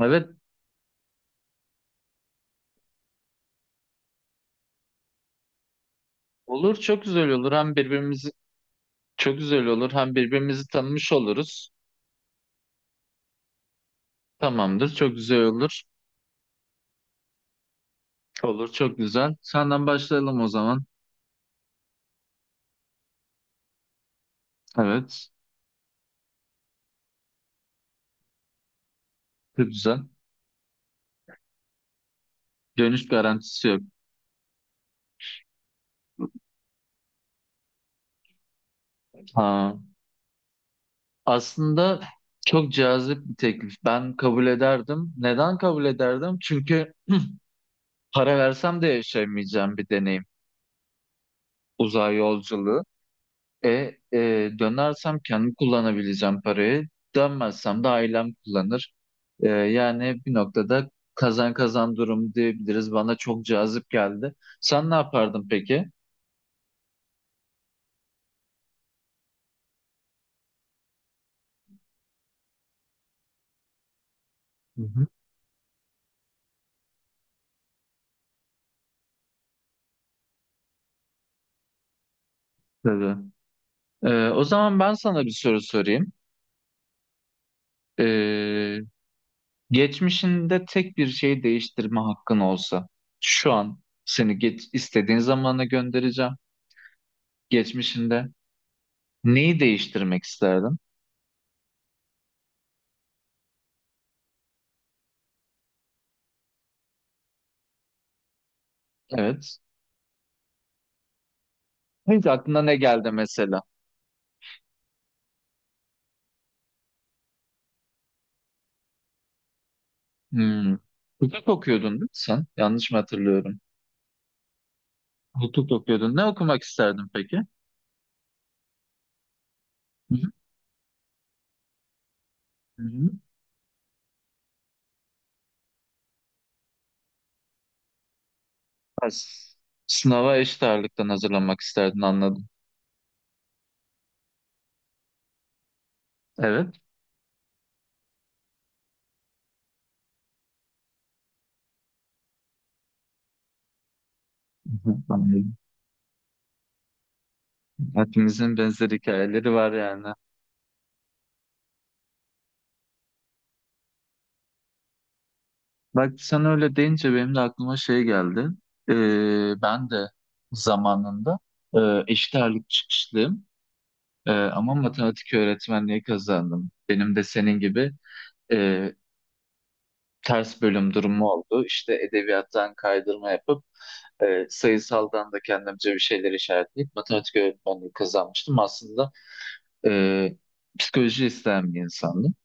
Evet olur çok güzel olur. Hem birbirimizi çok güzel olur. Hem birbirimizi tanımış oluruz. Tamamdır çok güzel olur. Olur çok güzel. Senden başlayalım o zaman. Evet çok güzel. Dönüş garantisi yok. Ha, aslında çok cazip bir teklif. Ben kabul ederdim. Neden kabul ederdim? Çünkü para versem de yaşayamayacağım bir deneyim. Uzay yolculuğu. E, dönersem kendim kullanabileceğim parayı. Dönmezsem de ailem kullanır. Yani bir noktada kazan kazan durum diyebiliriz. Bana çok cazip geldi. Sen ne yapardın peki? Hı hı. Tabii. O zaman ben sana bir soru sorayım. E, Geçmişinde tek bir şey değiştirme hakkın olsa, şu an seni geç, istediğin zamana göndereceğim. Geçmişinde neyi değiştirmek isterdin? Evet. Hiç aklına ne geldi mesela? Hmm. Hukuk okuyordun değil mi sen? Yanlış mı hatırlıyorum? Hukuk okuyordun. Ne okumak isterdin peki? Hı hı. Hı hı. Ha, s- Sınava eşit ağırlıktan hazırlanmak isterdin, anladım. Evet. Hı hı, anladım. Hepimizin benzer hikayeleri var yani. Bak sen öyle deyince benim de aklıma şey geldi. Ben de zamanında eşit ağırlık çıkışlıyım. Ama matematik öğretmenliği kazandım. Benim de senin gibi e, ters bölüm durumu oldu. İşte edebiyattan kaydırma yapıp sayısaldan da kendimce bir şeyler işaretleyip matematik öğretmenliği kazanmıştım. Aslında e, psikoloji isteyen bir insandım.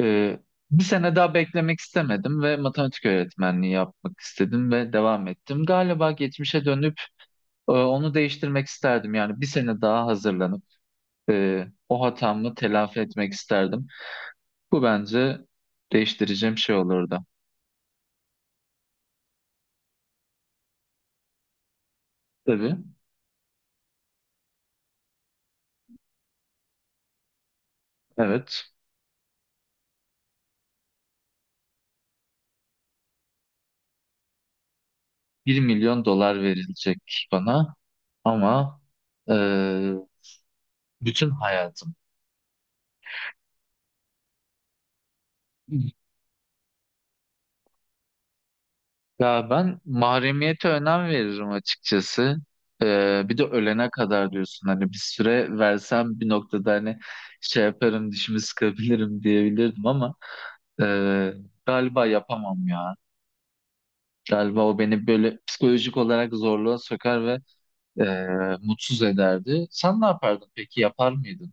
E, Bir sene daha beklemek istemedim ve matematik öğretmenliği yapmak istedim ve devam ettim. Galiba geçmişe dönüp onu değiştirmek isterdim. Yani bir sene daha hazırlanıp o hatamı telafi etmek isterdim. Bu bence değiştireceğim şey olurdu. Tabii. Evet. Bir milyon dolar verilecek bana ama e, bütün hayatım. Ya ben mahremiyete önem veririm açıkçası. Bir de ölene kadar diyorsun, hani bir süre versem bir noktada hani şey yaparım, dişimi sıkabilirim diyebilirdim ama e, galiba yapamam ya. Galiba o beni böyle psikolojik olarak zorluğa sokar ve mutsuz ederdi. Sen ne yapardın peki? Yapar mıydın?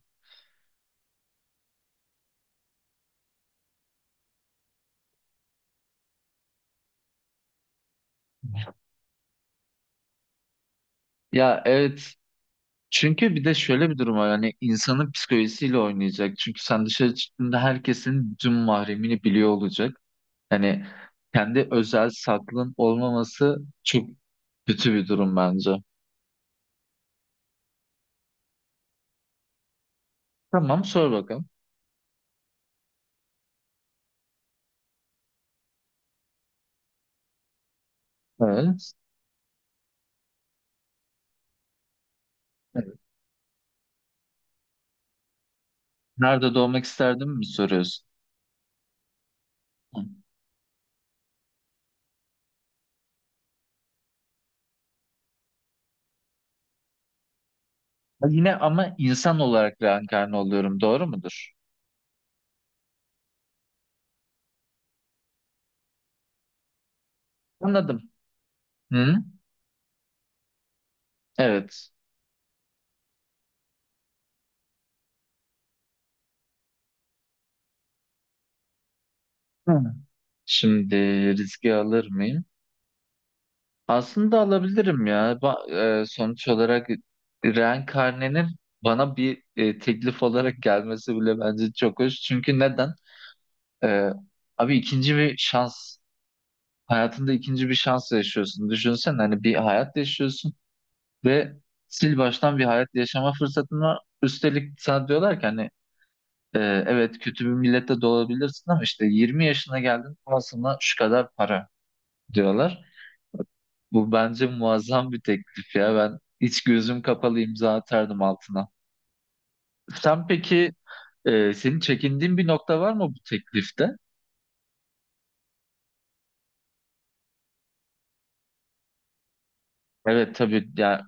Ya, evet. Çünkü bir de şöyle bir durum var, yani insanın psikolojisiyle oynayacak. Çünkü sen dışarı çıktığında herkesin bütün mahremini biliyor olacak. Yani kendi özel saklın olmaması çok kötü bir durum bence. Tamam, sor bakalım. Evet. Evet. Nerede doğmak isterdim mi soruyorsun? Hı. Ha, yine ama insan olarak reenkarne oluyorum, doğru mudur? Anladım. Hı? Evet. Hı. Şimdi riski alır mıyım? Aslında alabilirim ya. Sonuç olarak reenkarnenin bana bir teklif olarak gelmesi bile bence çok hoş. Çünkü neden? E, Abi, ikinci bir şans. Hayatında ikinci bir şans yaşıyorsun. Düşünsen hani bir hayat yaşıyorsun ve sil baştan bir hayat yaşama fırsatın var. Üstelik sana diyorlar ki hani e, evet kötü bir millette doğabilirsin ama işte 20 yaşına geldin ama sana şu kadar para diyorlar. Bu bence muazzam bir teklif ya. Ben hiç gözüm kapalı imza atardım altına. Sen peki senin çekindiğin bir nokta var mı bu teklifte? Evet tabii ya.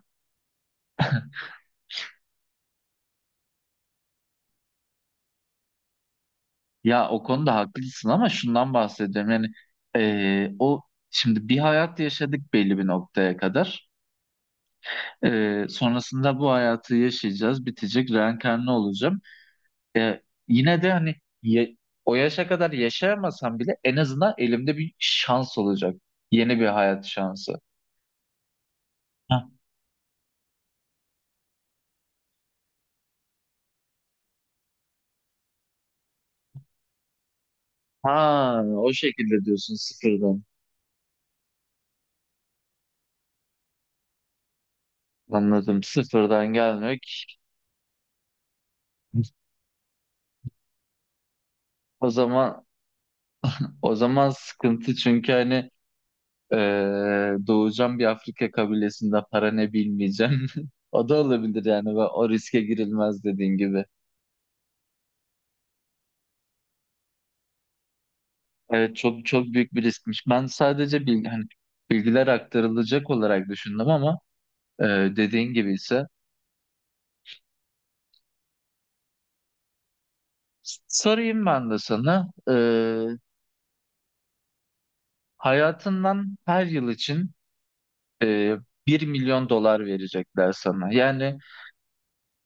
Ya o konuda haklısın ama şundan bahsediyorum. Yani o şimdi bir hayat yaşadık belli bir noktaya kadar. Sonrasında bu hayatı yaşayacağız, bitecek, reenkarnı olacağım. E, Yine de hani ye- o yaşa kadar yaşayamasam bile en azından elimde bir şans olacak. Yeni bir hayat şansı. Ha, o şekilde diyorsun, sıfırdan. Anladım. Sıfırdan gelmek. O zaman o zaman sıkıntı, çünkü hani doğacağım bir Afrika kabilesinde para ne bilmeyeceğim. O da olabilir yani, ve o riske girilmez dediğin gibi. Evet, çok çok büyük bir riskmiş. Ben sadece hani bilgiler aktarılacak olarak düşündüm ama dediğin gibi ise sorayım ben de sana. Hayatından her yıl için e, 1 milyon dolar verecekler sana. Yani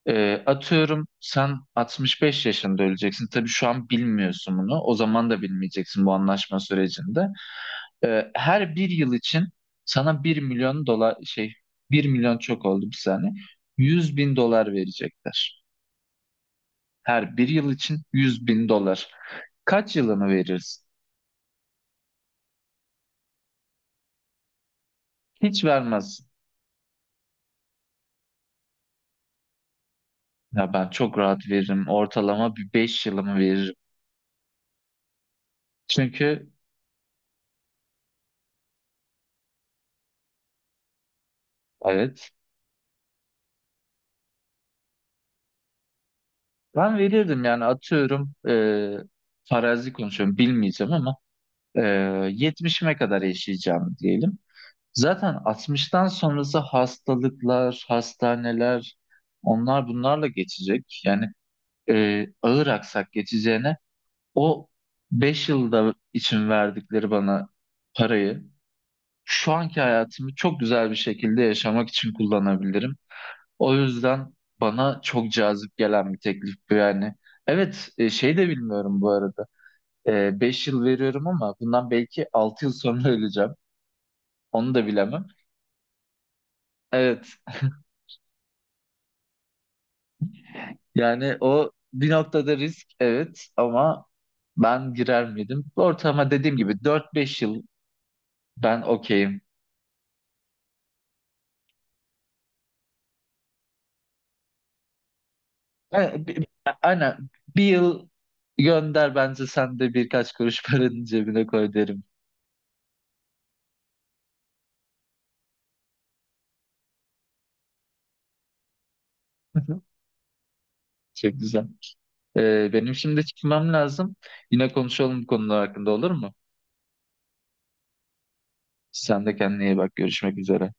atıyorum sen 65 yaşında öleceksin. Tabii şu an bilmiyorsun bunu. O zaman da bilmeyeceksin bu anlaşma sürecinde. Her bir yıl için sana bir milyon dolar şey, bir milyon çok oldu, bir saniye. 100 bin dolar verecekler. Her bir yıl için 100 bin dolar. Kaç yılını verirsin? Hiç vermezsin. Ya ben çok rahat veririm. Ortalama bir 5 yılımı veririm. Çünkü evet, ben verirdim. Yani atıyorum, farazi konuşuyorum, bilmeyeceğim ama e, 70'ime kadar yaşayacağım diyelim. Zaten 60'tan sonrası hastalıklar, hastaneler, onlar bunlarla geçecek. Yani ağır aksak geçeceğine o 5 yılda için verdikleri bana parayı şu anki hayatımı çok güzel bir şekilde yaşamak için kullanabilirim. O yüzden bana çok cazip gelen bir teklif bu yani. Evet, şey de bilmiyorum bu arada. 5 yıl veriyorum ama bundan belki 6 yıl sonra öleceğim. Onu da bilemem. Evet, yani o bir noktada risk, evet, ama ben girer miydim? Bu ortama dediğim gibi 4 5 yıl ben okeyim. Yani, bi- aynen, bir yıl gönder, bence sen de birkaç kuruş paranın cebine koy derim. Çok güzel. Benim şimdi çıkmam lazım. Yine konuşalım bu konular hakkında, olur mu? Sen de kendine iyi bak. Görüşmek üzere.